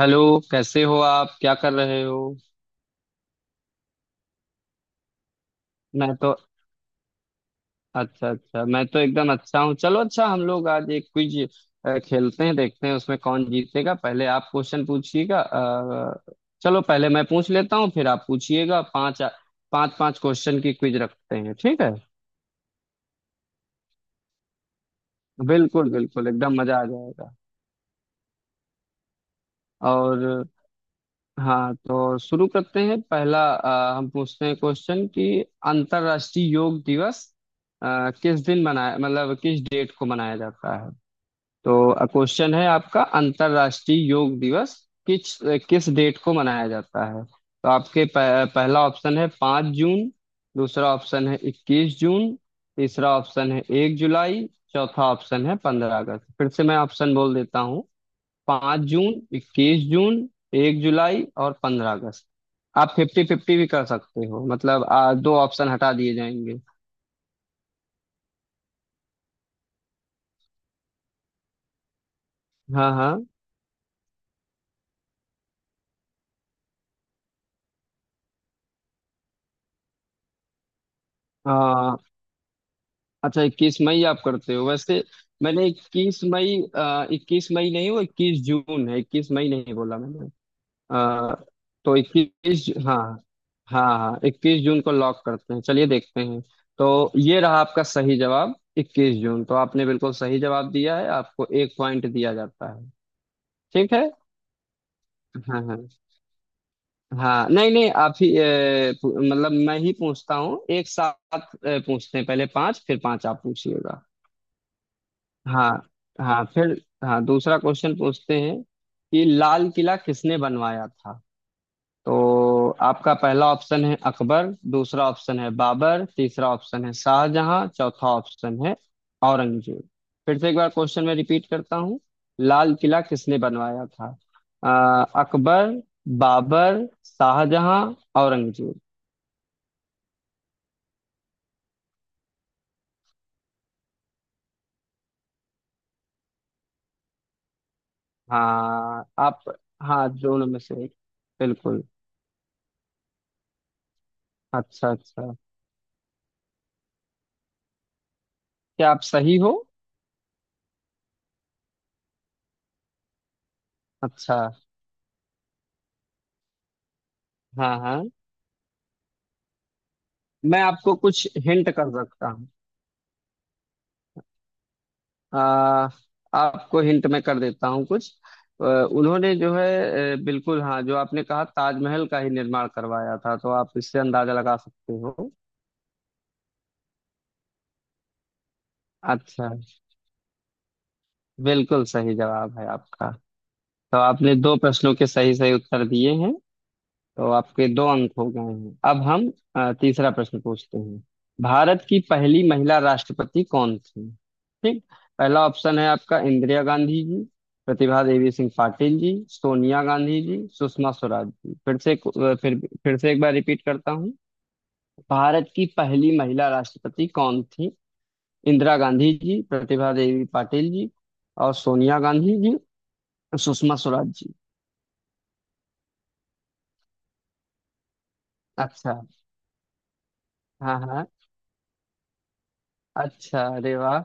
Hello, कैसे हो आप? क्या कर रहे हो? मैं तो अच्छा, अच्छा, मैं तो एकदम अच्छा हूँ। चलो अच्छा, हम लोग आज एक क्विज खेलते हैं, देखते हैं उसमें कौन जीतेगा। पहले आप क्वेश्चन पूछिएगा, चलो पहले मैं पूछ लेता हूँ, फिर आप पूछिएगा। पांच पांच पांच क्वेश्चन की क्विज रखते हैं, ठीक है। बिल्कुल बिल्कुल, एकदम मजा आ जाएगा। और, हाँ, तो शुरू करते हैं। पहला हम पूछते हैं क्वेश्चन कि अंतर्राष्ट्रीय योग दिवस किस दिन मनाया, मतलब किस डेट को मनाया जाता है। तो क्वेश्चन है आपका, अंतर्राष्ट्रीय योग दिवस किस किस डेट को मनाया जाता है। तो आपके पहला ऑप्शन है 5 जून, दूसरा ऑप्शन है 21 जून, तीसरा ऑप्शन है 1 जुलाई, चौथा ऑप्शन है 15 अगस्त। फिर से मैं ऑप्शन बोल देता हूँ: 5 जून, 21 जून, 1 जुलाई और 15 अगस्त। आप फिफ्टी फिफ्टी भी कर सकते हो, मतलब दो ऑप्शन हटा दिए जाएंगे। हाँ, हाँ, हाँ। अच्छा, 21 मई आप करते हो वैसे? मैंने 21 मई, 21 मई नहीं, वो 21 जून है, 21 मई नहीं बोला मैंने। आ, तो इक्कीस, हाँ, हाँ, हाँ, 21 जून को लॉक करते हैं। चलिए देखते हैं। तो ये रहा आपका सही जवाब 21 जून, तो आपने बिल्कुल सही जवाब दिया है, आपको 1 पॉइंट दिया जाता है, ठीक है। हाँ, हाँ। हाँ, नहीं नहीं, आप ही मतलब मैं ही पूछता हूँ एक साथ। पूछते हैं पहले पांच, फिर पांच आप पूछिएगा। हाँ, हाँ, फिर, हाँ, दूसरा क्वेश्चन पूछते हैं कि लाल किला किसने बनवाया था। तो आपका पहला ऑप्शन है अकबर, दूसरा ऑप्शन है बाबर, तीसरा ऑप्शन है शाहजहां, चौथा ऑप्शन है औरंगजेब। फिर से एक बार क्वेश्चन में रिपीट करता हूँ: लाल किला किसने बनवाया था। अकबर, बाबर, शाहजहां, औरंगजेब। हाँ, आप। हाँ, दोनों में से एक। बिल्कुल। अच्छा, अच्छा। क्या आप सही हो? अच्छा। हाँ, हाँ। मैं आपको कुछ हिंट कर सकता हूँ। आ, आपको हिंट में कर देता हूँ कुछ। उन्होंने जो है, बिल्कुल हाँ, जो आपने कहा, ताजमहल का ही निर्माण करवाया था, तो आप इससे अंदाजा लगा सकते हो। अच्छा। बिल्कुल सही जवाब है आपका। तो आपने दो प्रश्नों के सही सही उत्तर दिए हैं, तो आपके दो अंक हो गए हैं। अब हम तीसरा प्रश्न पूछते हैं: भारत की पहली महिला राष्ट्रपति कौन थी? ठीक। पहला ऑप्शन है आपका इंदिरा गांधी जी, प्रतिभा देवी सिंह पाटिल जी, सोनिया गांधी जी, सुषमा स्वराज जी। फिर से एक बार रिपीट करता हूँ: भारत की पहली महिला राष्ट्रपति कौन थी? इंदिरा गांधी जी, प्रतिभा देवी पाटिल जी और सोनिया गांधी जी, सुषमा स्वराज जी। अच्छा। हाँ, हाँ। अच्छा, अरे वाह।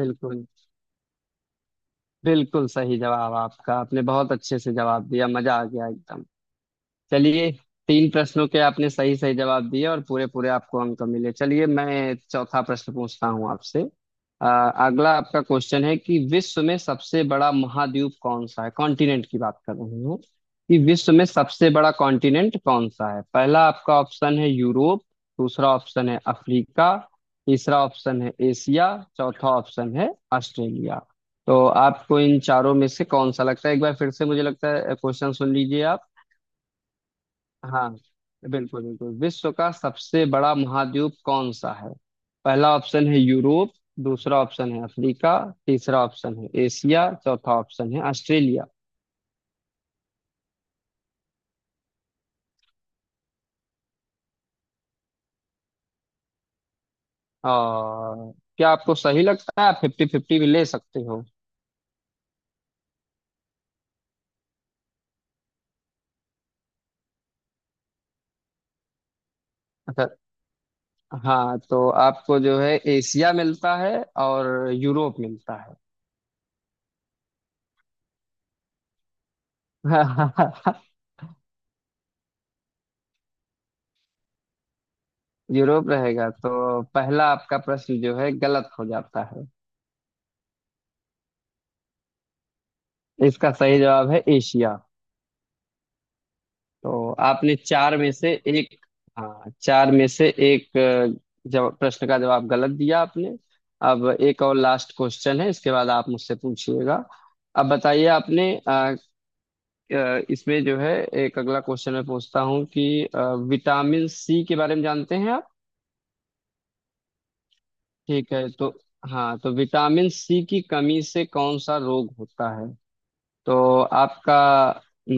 बिल्कुल बिल्कुल सही जवाब आपका, आपने बहुत अच्छे से जवाब दिया, मजा आ गया एकदम। चलिए। तीन प्रश्नों के आपने सही सही जवाब दिए और पूरे पूरे आपको अंक मिले। चलिए मैं चौथा प्रश्न पूछता हूँ आपसे। अ, अगला आपका क्वेश्चन है कि विश्व में सबसे बड़ा महाद्वीप कौन सा है, कॉन्टिनेंट की बात कर रहे हैं, कि विश्व में सबसे बड़ा कॉन्टिनेंट कौन सा है। पहला आपका ऑप्शन है यूरोप, दूसरा ऑप्शन है अफ्रीका, तीसरा ऑप्शन है एशिया, चौथा ऑप्शन है ऑस्ट्रेलिया। तो आपको इन चारों में से कौन सा लगता है? एक बार फिर से मुझे लगता है क्वेश्चन सुन लीजिए आप। हाँ, बिल्कुल बिल्कुल, विश्व का सबसे बड़ा महाद्वीप कौन सा है? पहला ऑप्शन है यूरोप, दूसरा ऑप्शन है अफ्रीका, तीसरा ऑप्शन है एशिया, चौथा ऑप्शन है ऑस्ट्रेलिया। और क्या आपको सही लगता है? आप फिफ्टी फिफ्टी भी ले सकते हो। अच्छा। हाँ, तो आपको जो है, एशिया मिलता है और यूरोप मिलता है। यूरोप रहेगा, तो पहला आपका प्रश्न जो है गलत हो जाता है। इसका सही जवाब है एशिया। तो आपने चार में से एक, हाँ, चार में से एक जवाब प्रश्न का जवाब गलत दिया आपने। अब एक और लास्ट क्वेश्चन है, इसके बाद आप मुझसे पूछिएगा। अब बताइए आपने, इसमें जो है, एक अगला क्वेश्चन मैं पूछता हूँ कि विटामिन सी के बारे में जानते हैं आप। ठीक है तो, हाँ तो विटामिन सी की कमी से कौन सा रोग होता है? तो आपका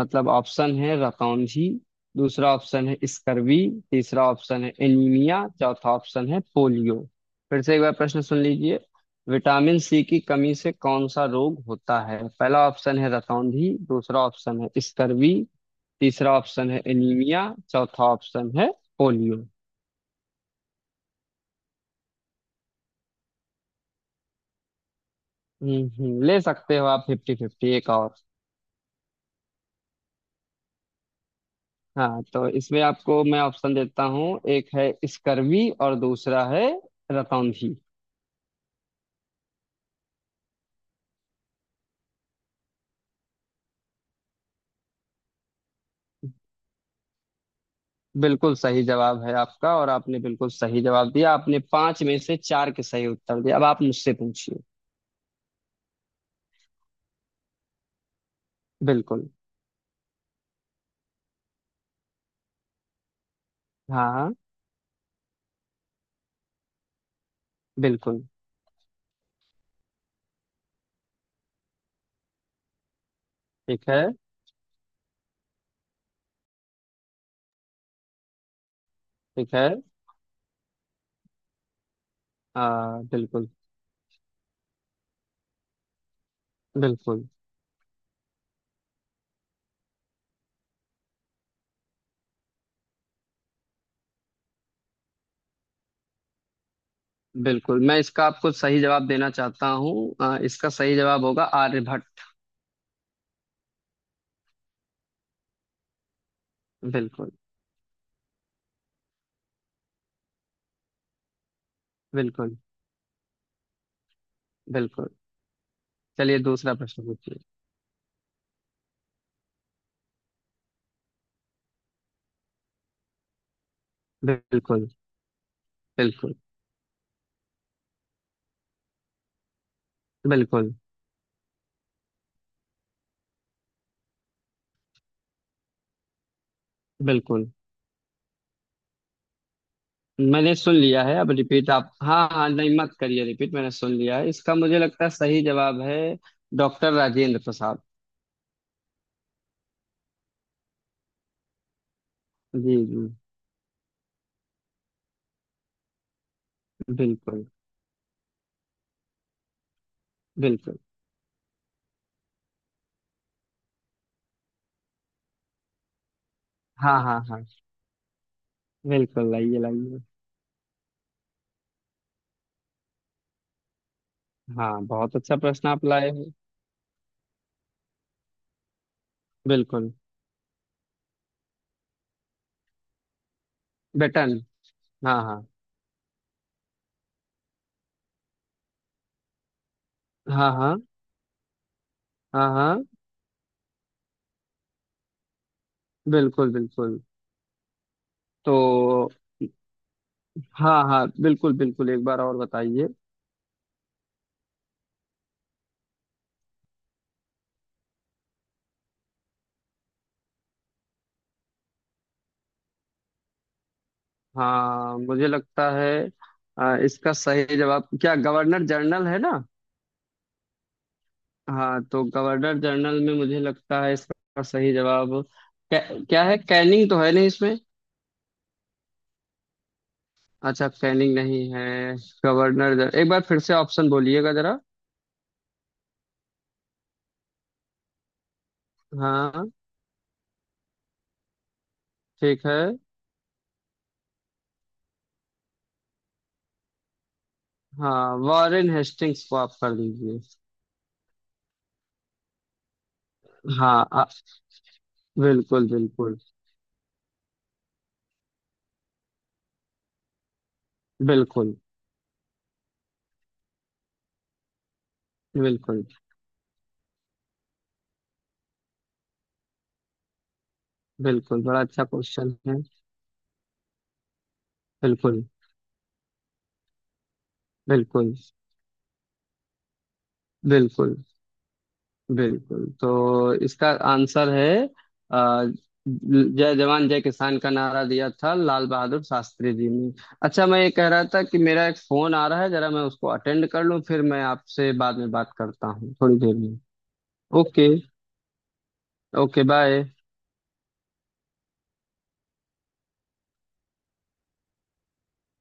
मतलब ऑप्शन है रतौंधी, दूसरा ऑप्शन है स्कर्वी, तीसरा ऑप्शन है एनीमिया, चौथा ऑप्शन है पोलियो। फिर से एक बार प्रश्न सुन लीजिए: विटामिन सी की कमी से कौन सा रोग होता है? पहला ऑप्शन है रतौंधी, दूसरा ऑप्शन है स्कर्वी, तीसरा ऑप्शन है एनीमिया, चौथा ऑप्शन है पोलियो। ले सकते हो आप फिफ्टी फिफ्टी एक और। हाँ, तो इसमें आपको मैं ऑप्शन देता हूँ: एक है स्कर्वी और दूसरा है रतौंधी। बिल्कुल सही जवाब है आपका और आपने बिल्कुल सही जवाब दिया, आपने पांच में से चार के सही उत्तर दिए। अब आप मुझसे पूछिए। बिल्कुल। हाँ, हाँ। बिल्कुल। ठीक है। ठीक है। बिल्कुल। बिल्कुल। बिल्कुल, मैं इसका आपको सही जवाब देना चाहता हूँ। इसका सही जवाब होगा आर्यभट्ट। बिल्कुल बिल्कुल। बिल्कुल, चलिए दूसरा प्रश्न पूछिए। बिल्कुल। बिल्कुल। बिल्कुल। बिल्कुल मैंने सुन लिया है। अब रिपीट आप, हाँ, हाँ, नहीं मत करिए रिपीट, मैंने सुन लिया है। इसका मुझे लगता है सही जवाब है डॉक्टर राजेंद्र प्रसाद। जी, जी। बिल्कुल। बिल्कुल। हाँ, हाँ, हाँ। बिल्कुल, लाइए लाइए। हाँ, बहुत अच्छा प्रश्न आप लाए हो। बिल्कुल। बेटन। हाँ, हाँ। हाँ, हाँ। हाँ, हाँ। बिल्कुल बिल्कुल। तो, हाँ, हाँ, बिल्कुल बिल्कुल, एक बार और बताइए। हाँ, मुझे लगता है इसका सही जवाब, क्या गवर्नर जनरल है ना? हाँ, तो गवर्नर जनरल में मुझे लगता है इसका सही जवाब क्या, क्या है? कैनिंग तो है नहीं इसमें। अच्छा, कैनिंग नहीं है। गवर्नर जनरल एक बार फिर से ऑप्शन बोलिएगा जरा। हाँ। ठीक है। हाँ, वॉरेन हेस्टिंग्स को आप कर दीजिए। हाँ, बिल्कुल बिल्कुल। बिल्कुल। बिल्कुल। बिल्कुल, बड़ा अच्छा क्वेश्चन है। बिल्कुल। बिल्कुल। बिल्कुल। बिल्कुल, तो इसका आंसर है, अ, जय जवान जय किसान का नारा दिया था लाल बहादुर शास्त्री जी ने। अच्छा, मैं ये कह रहा था कि मेरा एक फोन आ रहा है, जरा मैं उसको अटेंड कर लूं, फिर मैं आपसे बाद में बात करता हूँ थोड़ी देर में। ओके। Okay, bye.